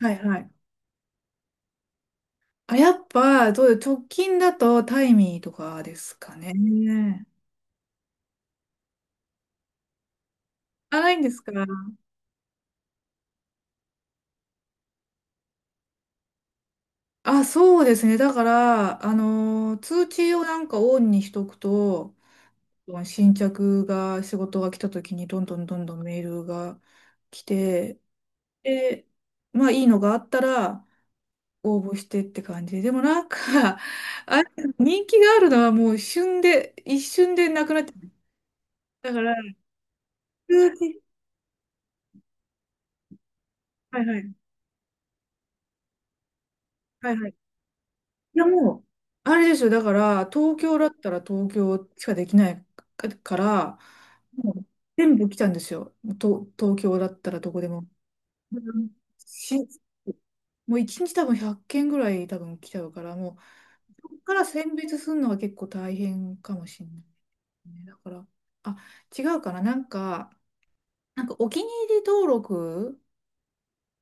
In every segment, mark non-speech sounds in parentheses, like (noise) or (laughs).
はいはい。あ、やっぱ、どうよ、直近だとタイミーとかですかね。あ、ないんですか。あ、そうですね。だから、通知をなんかオンにしとくと、新着が、仕事が来た時にどんどんどんどんメールが来て、で、まあいいのがあったら応募してって感じで。もなんか、(laughs) あれ、人気があるのはもう旬で、一瞬でなくなっちゃう。だから、通知、はいはい、はいはい。いやもう、あれですよ。だから、東京だったら東京しかできないかから、もう全部来たんですよ。と、東京だったらどこでも。うんし、もう一日多分100件ぐらい多分来ちゃうから、もう、そこから選別するのは結構大変かもしれないね。だから、あ、違うかな。なんかお気に入り登録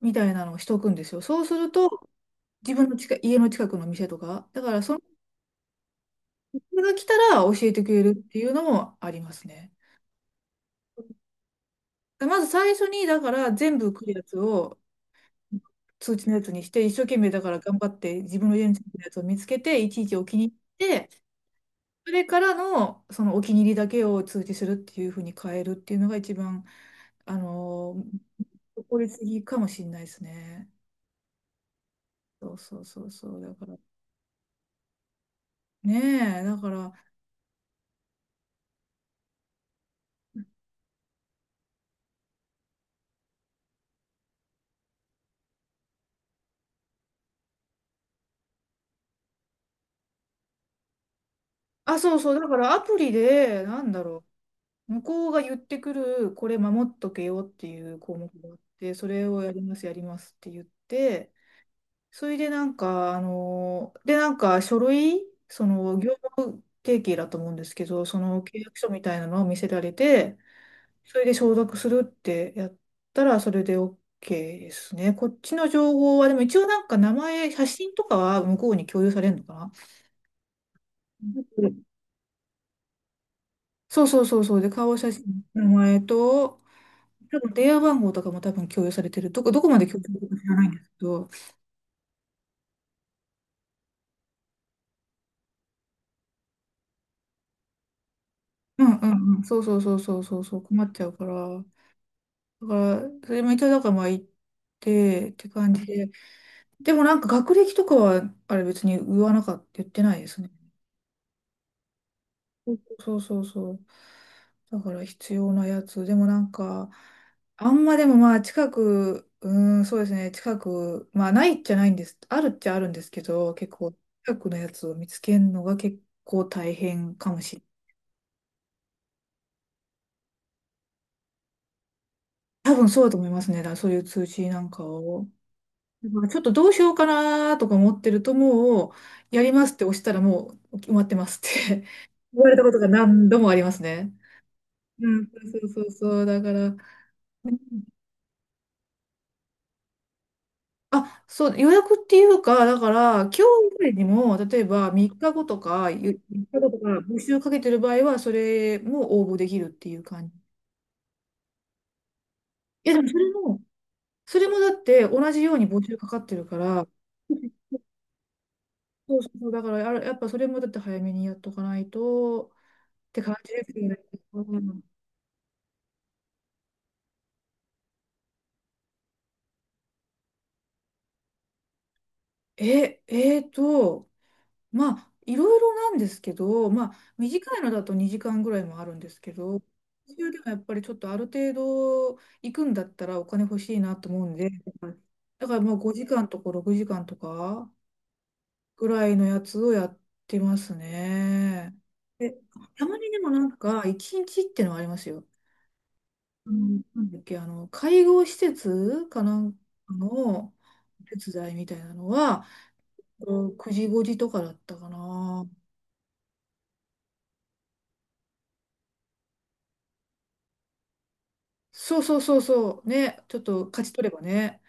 みたいなのをしとくんですよ。そうすると、自分の近い、家の近くの店とか、だからそのそれが来たら教えてくれるっていうのもありますね。まず最初に、だから全部来るやつを通知のやつにして、一生懸命だから頑張って自分の家についてるやつを見つけて、いちいちお気に入りして、それからのそのお気に入りだけを通知するっていうふうに変えるっていうのが一番、あのー、効率的かもしれないですね。そうそうそうそう。だから、ねえ、だから、あ、そうそう、だからアプリで、なんだろう。向こうが言ってくる、これ守っとけよっていう項目があって、それをやります、やりますって言って、それでなんか、あの、で、なんか書類、その業務提携だと思うんですけど、その契約書みたいなのを見せられて、それで承諾するってやったら、それで OK ですね。こっちの情報は、でも一応なんか名前、写真とかは向こうに共有されるのかな。うん、そうそうそうそう。で、顔写真、名前と、多分電話番号とかも多分共有されてる。どこ、どこまで共有されてるか知らないんですけど、うんうんうん、そうそうそうそうそうそう、困っちゃうから。だから、それも一応だからまあ言ってって感じで。でもなんか学歴とかは、あれ別に言わなかった、言ってないですね。そうそうそう。だから必要なやつ。でもなんか、あんまでもまあ近く、うーん、そうですね、近く、まあないっちゃないんです。あるっちゃあるんですけど、結構近くのやつを見つけるのが結構大変かもしれない。多分そうだと思いますね。だからそういう通知なんかを。だからちょっとどうしようかなとか思ってるともう、やりますって押したらもう決まってますって (laughs) 言われたことが何度もありますね。うん、そうそうそう。だから、あ、そう、予約っていうか、だから、今日以外にも、例えば3日後とか、ゆ3日後とか、募集かけてる場合は、それも応募できるっていう感じ。いや、でもそれも、それもだって、同じように募集かかってるから、そうそうそう、だからや、あれやっぱそれもだって早めにやっとかないと、って感じですよね。うんえ、まあ、いろいろなんですけど、まあ、短いのだと2時間ぐらいもあるんですけど、中でもやっぱりちょっとある程度行くんだったらお金欲しいなと思うんで、だからもう5時間とか6時間とかぐらいのやつをやってますね。で、たまにでもなんか1日ってのはありますよ。あのなんだっけ、あの、介護施設かなんかの手伝いみたいなのは、こう9時5時とかだったかな。そうそうそうそう。ね。ちょっと勝ち取ればね。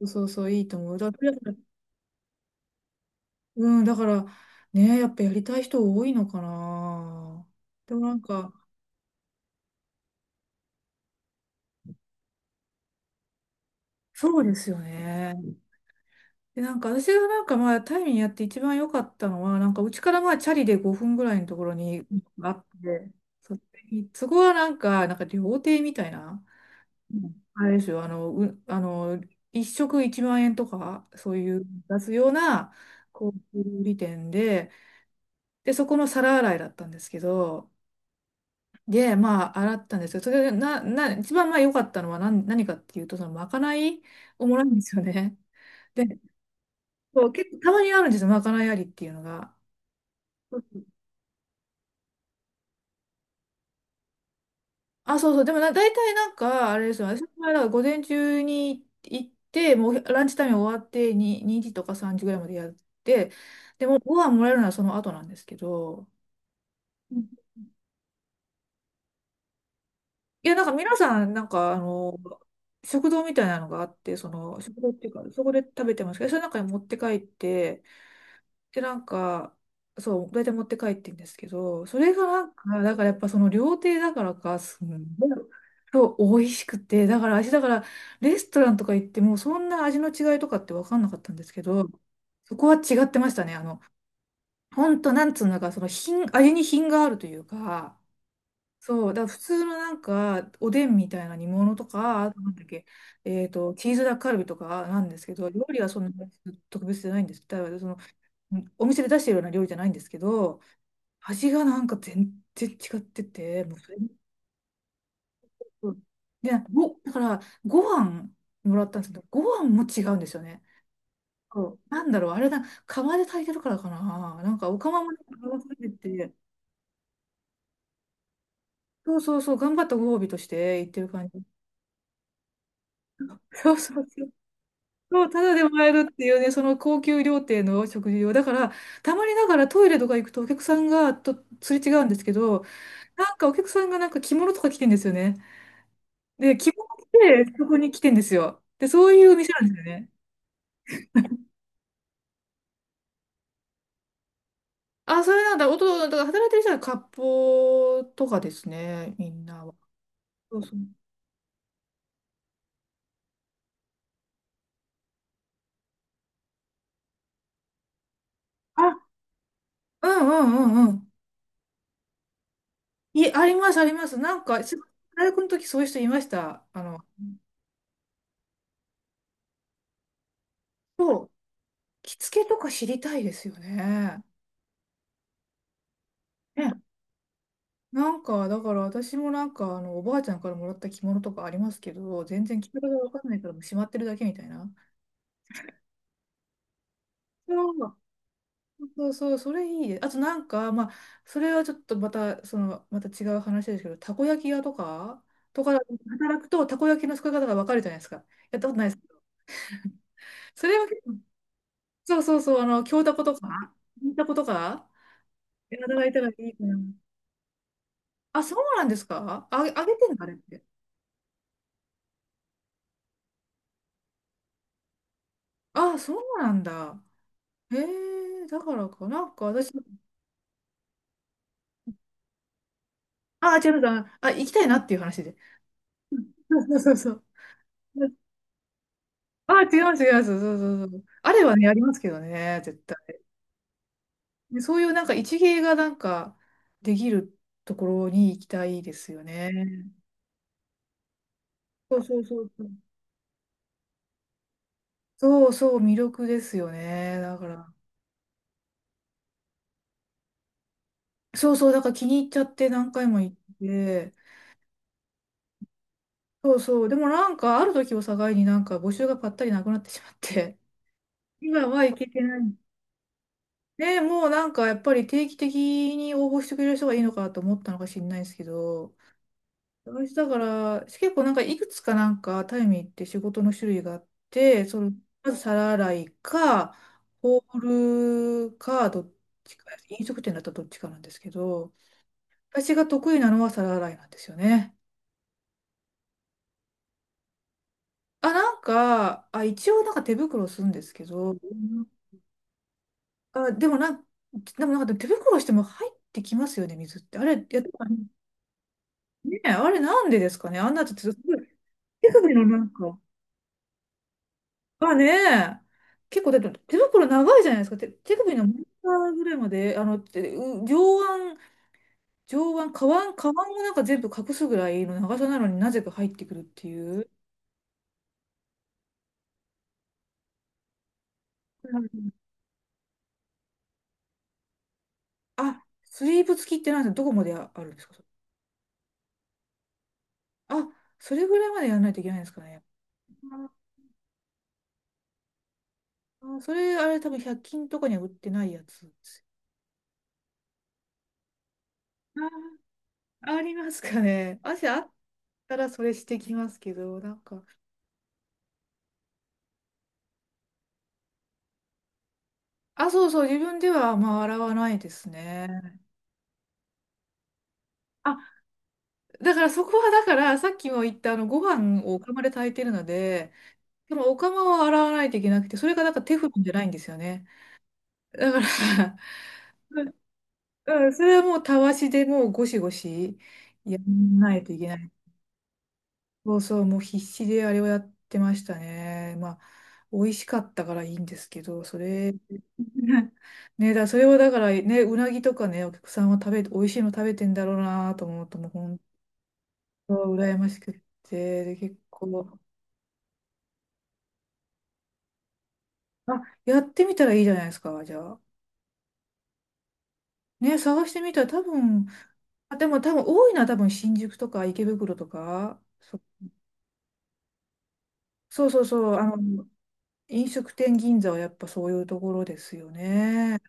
そうそうそう、いいと思う。だから、うん、だから、ね、やっぱやりたい人多いのかな。でもなんか、そうですよね。で、なんか私がなんかまあ、タイミングやって一番良かったのは、なんかうちからまあ、チャリで5分ぐらいのところにあって、そこそこはなんか、なんか料亭みたいな、うんあれですよ、あの、う、あの、一食一万円とか、そういう出すような、高級料理店で、で、そこの皿洗いだったんですけど、で、まあ、洗ったんですよ。それで、な、な、一番まあ良かったのは何、何かっていうと、その、まかないをもらうんですよね。(laughs) で、そう、結構、たまにあるんですよ、まかないありっていうのが。あ、そうそう。でもな、大体なんか、あれですよ。私の場合は午前中に行って、もうランチタイム終わって2、2時とか3時ぐらいまでやって、でもご飯もらえるのはその後なんですけど、いや、なんか皆さん、なんかあの、食堂みたいなのがあって、その、食堂っていうか、そこで食べてますけど、その中に持って帰って、で、なんか、そう、大体持って帰ってんですけど、それがなんか、だからやっぱその料亭だからか、すんごい、そう、美味しくて、だから私、だから、レストランとか行っても、そんな味の違いとかって分かんなかったんですけど、そこは違ってましたね。あの、ほんと、なんつうのか、その品、味に品があるというか、そう、だから普通のなんか、おでんみたいな煮物とか、あとなんだっけ、えっと、チーズダッカルビとかなんですけど、料理はそんな特別じゃないんです。だからその、お店で出してるような料理じゃないんですけど、味がなんか全然違ってて、もうそれもうんで、ご、だから、ご飯もらったんですけど、ご飯も違うんですよね。そうなんだろう、あれだ、釜で炊いてるからかな。なんか、お釜もなんか、てて、そうそうそう、頑張ったご褒美として言ってる感じ。そうそうそう。そう、ただでもらえるっていうね、その高級料亭の食事を。だから、たまにながらトイレとか行くとお客さんがとすれ違うんですけど、なんかお客さんがなんか着物とか着てんですよね。で、着物着てそこに来てんですよ。で、そういうお店なんですよね。あ、それなんだ。おと、だから働いてる人は割烹とかですね、みんなは。そうそう。あ、うんうんうんうん。い、あります、あります。なんか、す大学の時そういう人いました。あの、着付けとか知りたいですよね。ね、なんか、だから私もなんか、あの、おばあちゃんからもらった着物とかありますけど、全然着方がわかんないからもうしまってるだけみたいな。そうそうそう、それいいです。あとなんか、まあ、それはちょっとまた、また違う話ですけど、たこ焼き屋とか、とかで働くと、たこ焼きの作り方がわかるじゃないですか。やったことないですけど。それは結構、そうそうそう、京たことか、銀たことか、で働いたらいいかな。あ、そうなんですかあ、あげてんのあれって。あ、そうなんだ。へえ、だからか、なんか私、ああ、違うか。あ、行きたいなっていう話で。そうそうそうそう。ああ、違います、違います。そうそうそう。あれはね、ありますけどね、絶対。で、そういうなんか一芸がなんかできるところに行きたいですよね。そうそうそうそう。そうそう、魅力ですよね。だから。そうそう、だから気に入っちゃって何回も行って。そうそう。でもなんかある時を境になんか募集がぱったりなくなってしまって。今は行けてない。ね、もうなんかやっぱり定期的に応募してくれる人がいいのかなと思ったのか知んないですけど、私だから結構なんかいくつかなんかタイミーって仕事の種類があって、その、まず皿洗いか、ホールか、どっちか、飲食店だったらどっちかなんですけど、私が得意なのは皿洗いなんですよね。あ、なんか、あ、一応なんか手袋するんですけど、あ、でもなん、でもなんか手袋しても入ってきますよね、水って。あれ、やったねえ、あれなんでですかね、あんなちょっとすごい手首のなんか、がねえ、結構だって手袋長いじゃないですか。手首の真ん中ぐらいまで、あの、てう上腕、上腕、下腕、下腕もなんか全部隠すぐらいの長さなのになぜか入ってくるっていう。うん、あ、スリーブ付きってなんですか、どこまであるんですかそれ。あ、それぐらいまでやらないといけないんですかね。あー、それ、あれ多分100均とかには売ってないやつですよ。あー、ありますかね。あ、あからそれしてきますけど、なんか、あ、そうそう、自分ではまあ洗わないですね。あ、だからそこはだから、さっきも言ったあの、ご飯をお釜で炊いてるので、でもお釜は洗わないといけなくて、それがなんかテフロンじゃないんですよね。だから (laughs)、うん、それはもうたわしでもうゴシゴシやらないといけない。そうそう、もう必死であれをやってましたね。まあ、美味しかったからいいんですけど、それ、(laughs) ね、それをだからね、うなぎとかね、お客さんは食べて、美味しいの食べてんだろうなと思うと、もう本当羨ましくって、で、結構、あ、やってみたらいいじゃないですか、じゃあ。ね、探してみたら多分、あ、でも多分多いのは多分新宿とか池袋とか、そうそうそう、あの、飲食店銀座はやっぱそういうところですよね。